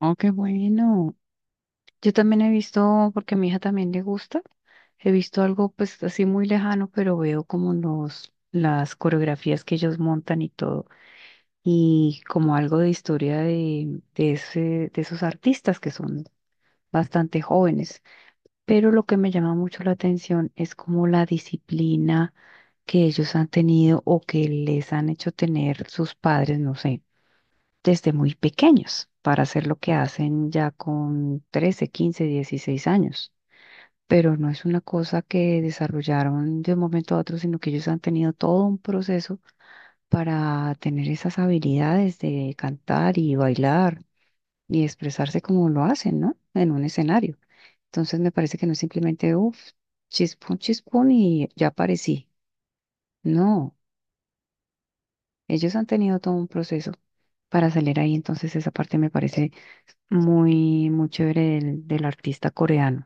Oh, qué bueno. Yo también he visto, porque a mi hija también le gusta, he visto algo pues así muy lejano, pero veo como las coreografías que ellos montan y todo, y como algo de historia de ese, de esos artistas que son bastante jóvenes. Pero lo que me llama mucho la atención es como la disciplina que ellos han tenido o que les han hecho tener sus padres, no sé desde muy pequeños para hacer lo que hacen ya con 13, 15, 16 años. Pero no es una cosa que desarrollaron de un momento a otro, sino que ellos han tenido todo un proceso para tener esas habilidades de cantar y bailar y expresarse como lo hacen, ¿no?, en un escenario. Entonces me parece que no es simplemente, uff, chispón, chispón y ya aparecí. No, ellos han tenido todo un proceso para salir ahí, entonces esa parte me parece muy, muy chévere del, del artista coreano.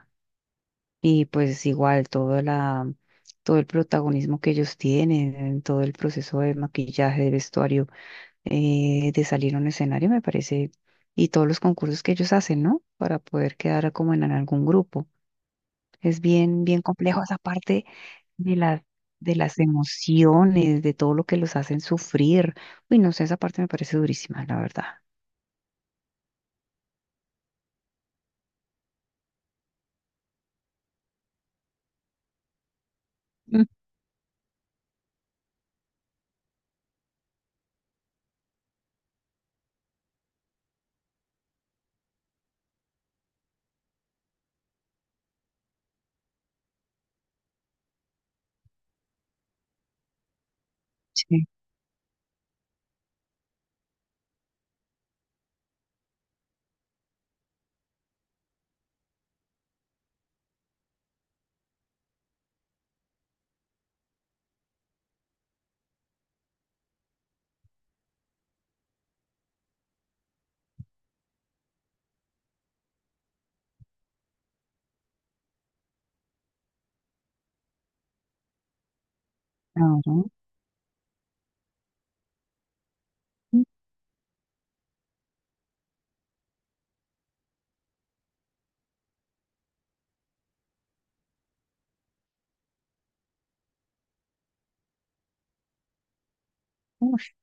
Y pues igual todo la, todo el protagonismo que ellos tienen, en todo el proceso de maquillaje, de vestuario, de salir a un escenario, me parece, y todos los concursos que ellos hacen, ¿no?, para poder quedar como en algún grupo. Es bien, bien complejo esa parte de las, de las emociones, de todo lo que los hacen sufrir. Uy, no sé, esa parte me parece durísima, la verdad. Mm, sí, claro.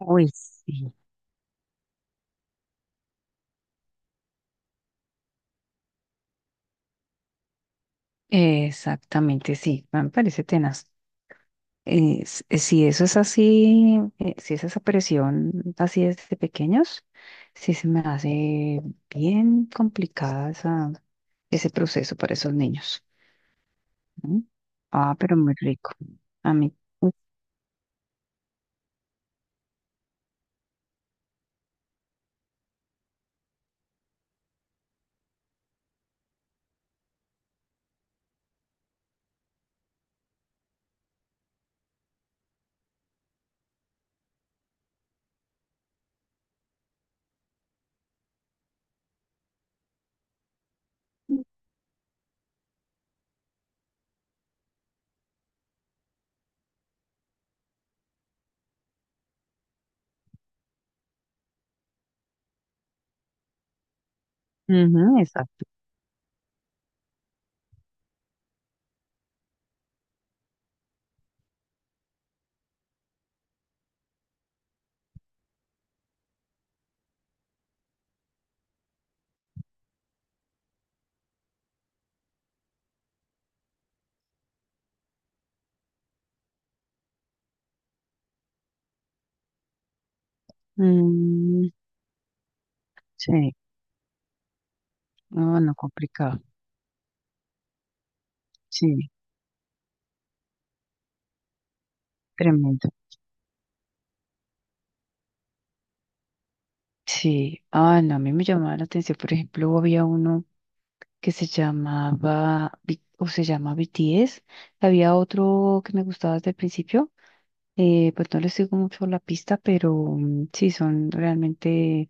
Uy, sí. Exactamente, sí, me parece tenaz. Si eso es así, si es esa presión así desde pequeños, sí se me hace bien complicada esa, ese proceso para esos niños. ¿No? Ah, pero muy rico. A mí, ujú, exacto. Mm, sí, no, no complicado. Sí, tremendo. Sí, ah, no, a mí me llamaba la atención, por ejemplo, había uno que se llamaba o se llama BTS. Había otro que me gustaba desde el principio. Pues no les sigo mucho la pista, pero mm, sí, son realmente,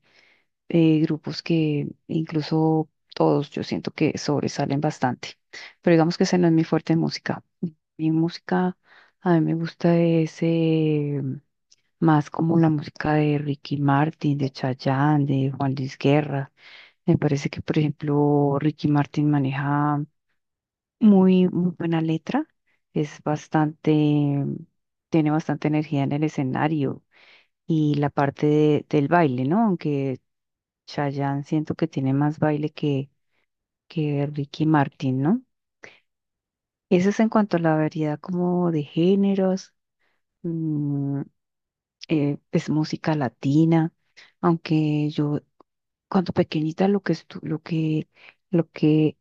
grupos que incluso todos yo siento que sobresalen bastante. Pero digamos que ese no es mi fuerte en música. Mi música, a mí me gusta ese más como la música de Ricky Martin, de Chayanne, de Juan Luis Guerra. Me parece que, por ejemplo, Ricky Martin maneja muy, muy buena letra, es bastante, tiene bastante energía en el escenario y la parte del baile, ¿no? Aunque Chayanne siento que tiene más baile que Ricky Martin, ¿no? Eso es en cuanto a la variedad como de géneros, mm, es música latina, aunque yo cuando pequeñita lo que lo que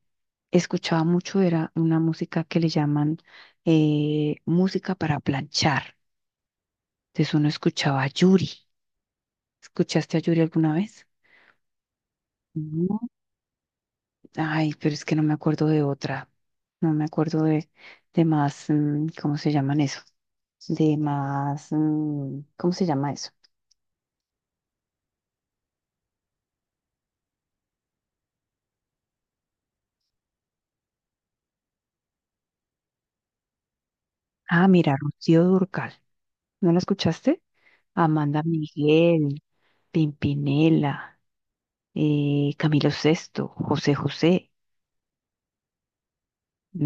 escuchaba mucho era una música que le llaman, música para planchar. Entonces uno escuchaba a Yuri. ¿Escuchaste a Yuri alguna vez? No. Ay, pero es que no me acuerdo de otra. No me acuerdo de más, mm, ¿cómo se llaman eso? De más, mm, ¿cómo se llama eso? Ah, mira, Rocío Durcal. ¿No la escuchaste? Amanda Miguel, Pimpinela, Camilo Sesto, José José.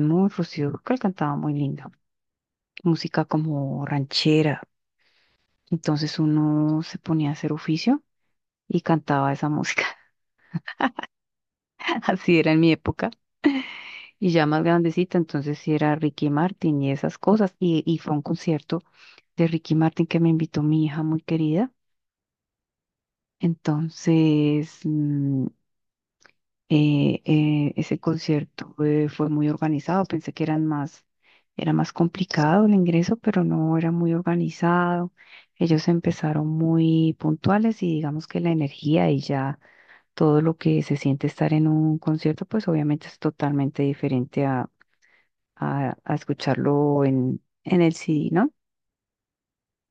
No, Rocío Dúrcal cantaba muy lindo. Música como ranchera. Entonces uno se ponía a hacer oficio y cantaba esa música. Así era en mi época. Y ya más grandecita, entonces sí era Ricky Martin y esas cosas. Y fue a un concierto de Ricky Martin que me invitó mi hija muy querida. Entonces, mm, ese concierto, fue muy organizado, pensé que eran más, era más complicado el ingreso, pero no era muy organizado. Ellos empezaron muy puntuales y digamos que la energía y ya todo lo que se siente estar en un concierto, pues obviamente es totalmente diferente a, a escucharlo en el CD, ¿no?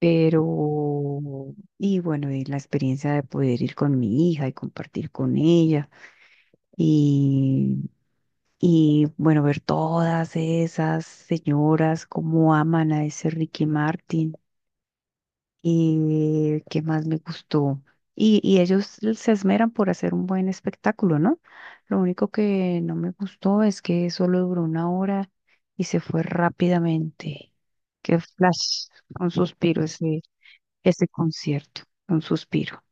Pero, y bueno, y la experiencia de poder ir con mi hija y compartir con ella. Y bueno, ver todas esas señoras cómo aman a ese Ricky Martin y qué más me gustó. Y ellos se esmeran por hacer un buen espectáculo, ¿no? Lo único que no me gustó es que solo duró una hora y se fue rápidamente. Qué flash, un suspiro ese, ese concierto, un suspiro.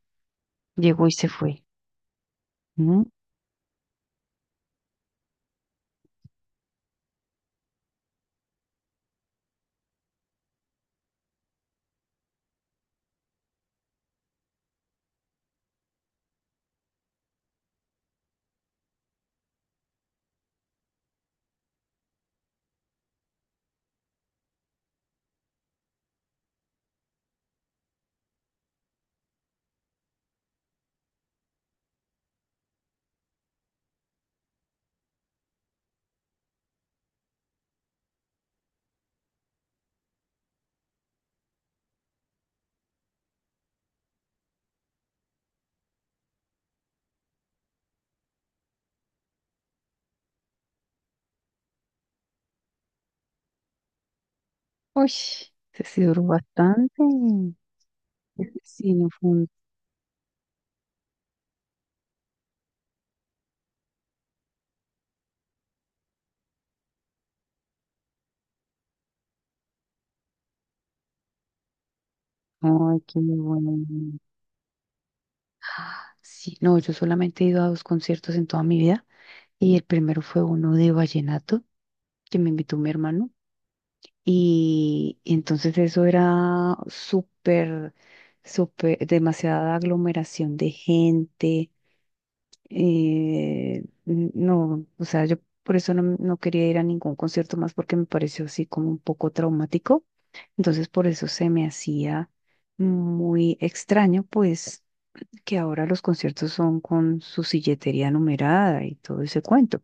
Llegó y se fue. ¿No? Uy, ese sí duró bastante. Ese sí no fue. Ay, qué bueno. Sí, no, yo solamente he ido a dos conciertos en toda mi vida y el primero fue uno de vallenato que me invitó mi hermano y entonces eso era súper, súper, demasiada aglomeración de gente. No, o sea, yo por eso no, no quería ir a ningún concierto más porque me pareció así como un poco traumático. Entonces por eso se me hacía muy extraño, pues que ahora los conciertos son con su silletería numerada y todo ese cuento.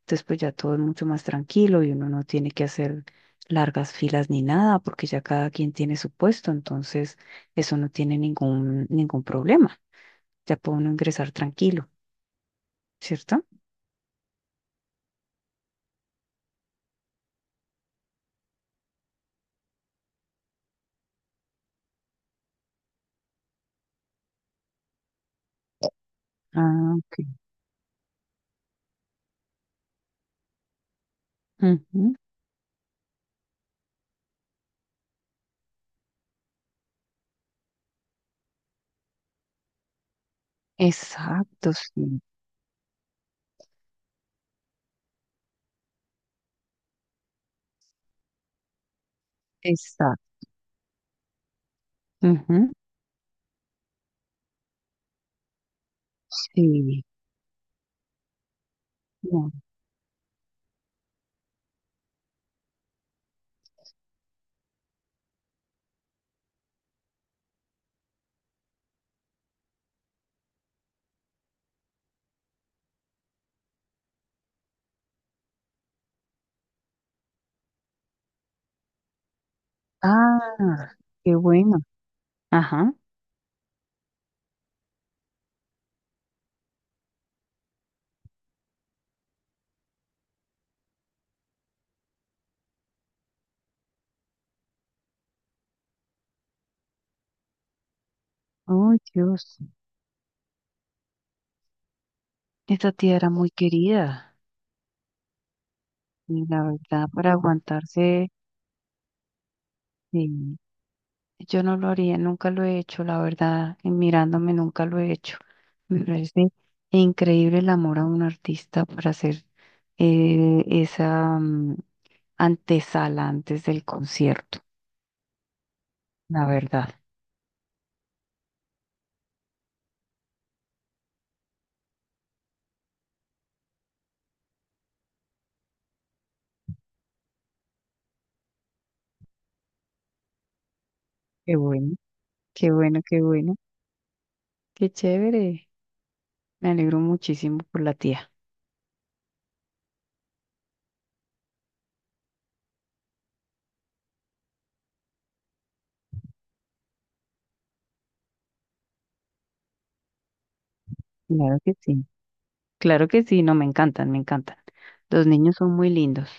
Entonces, pues ya todo es mucho más tranquilo y uno no tiene que hacer largas filas ni nada, porque ya cada quien tiene su puesto, entonces eso no tiene ningún, ningún problema. Ya puede uno ingresar tranquilo, ¿cierto? Ah, ok. Ujú. Exacto, sí, exacto. Ujú, sí. No. Ah, qué bueno. Ajá. Oh, Dios. Esta tía era muy querida. Y la verdad, para aguantarse, eh, yo no lo haría, nunca lo he hecho, la verdad, y mirándome nunca lo he hecho. Me parece increíble el amor a un artista para hacer, esa mm, antesala antes del concierto, la verdad. Qué bueno, qué bueno, qué bueno, qué chévere. Me alegro muchísimo por la tía. Claro que sí, claro que sí, no, me encantan, me encantan. Los niños son muy lindos.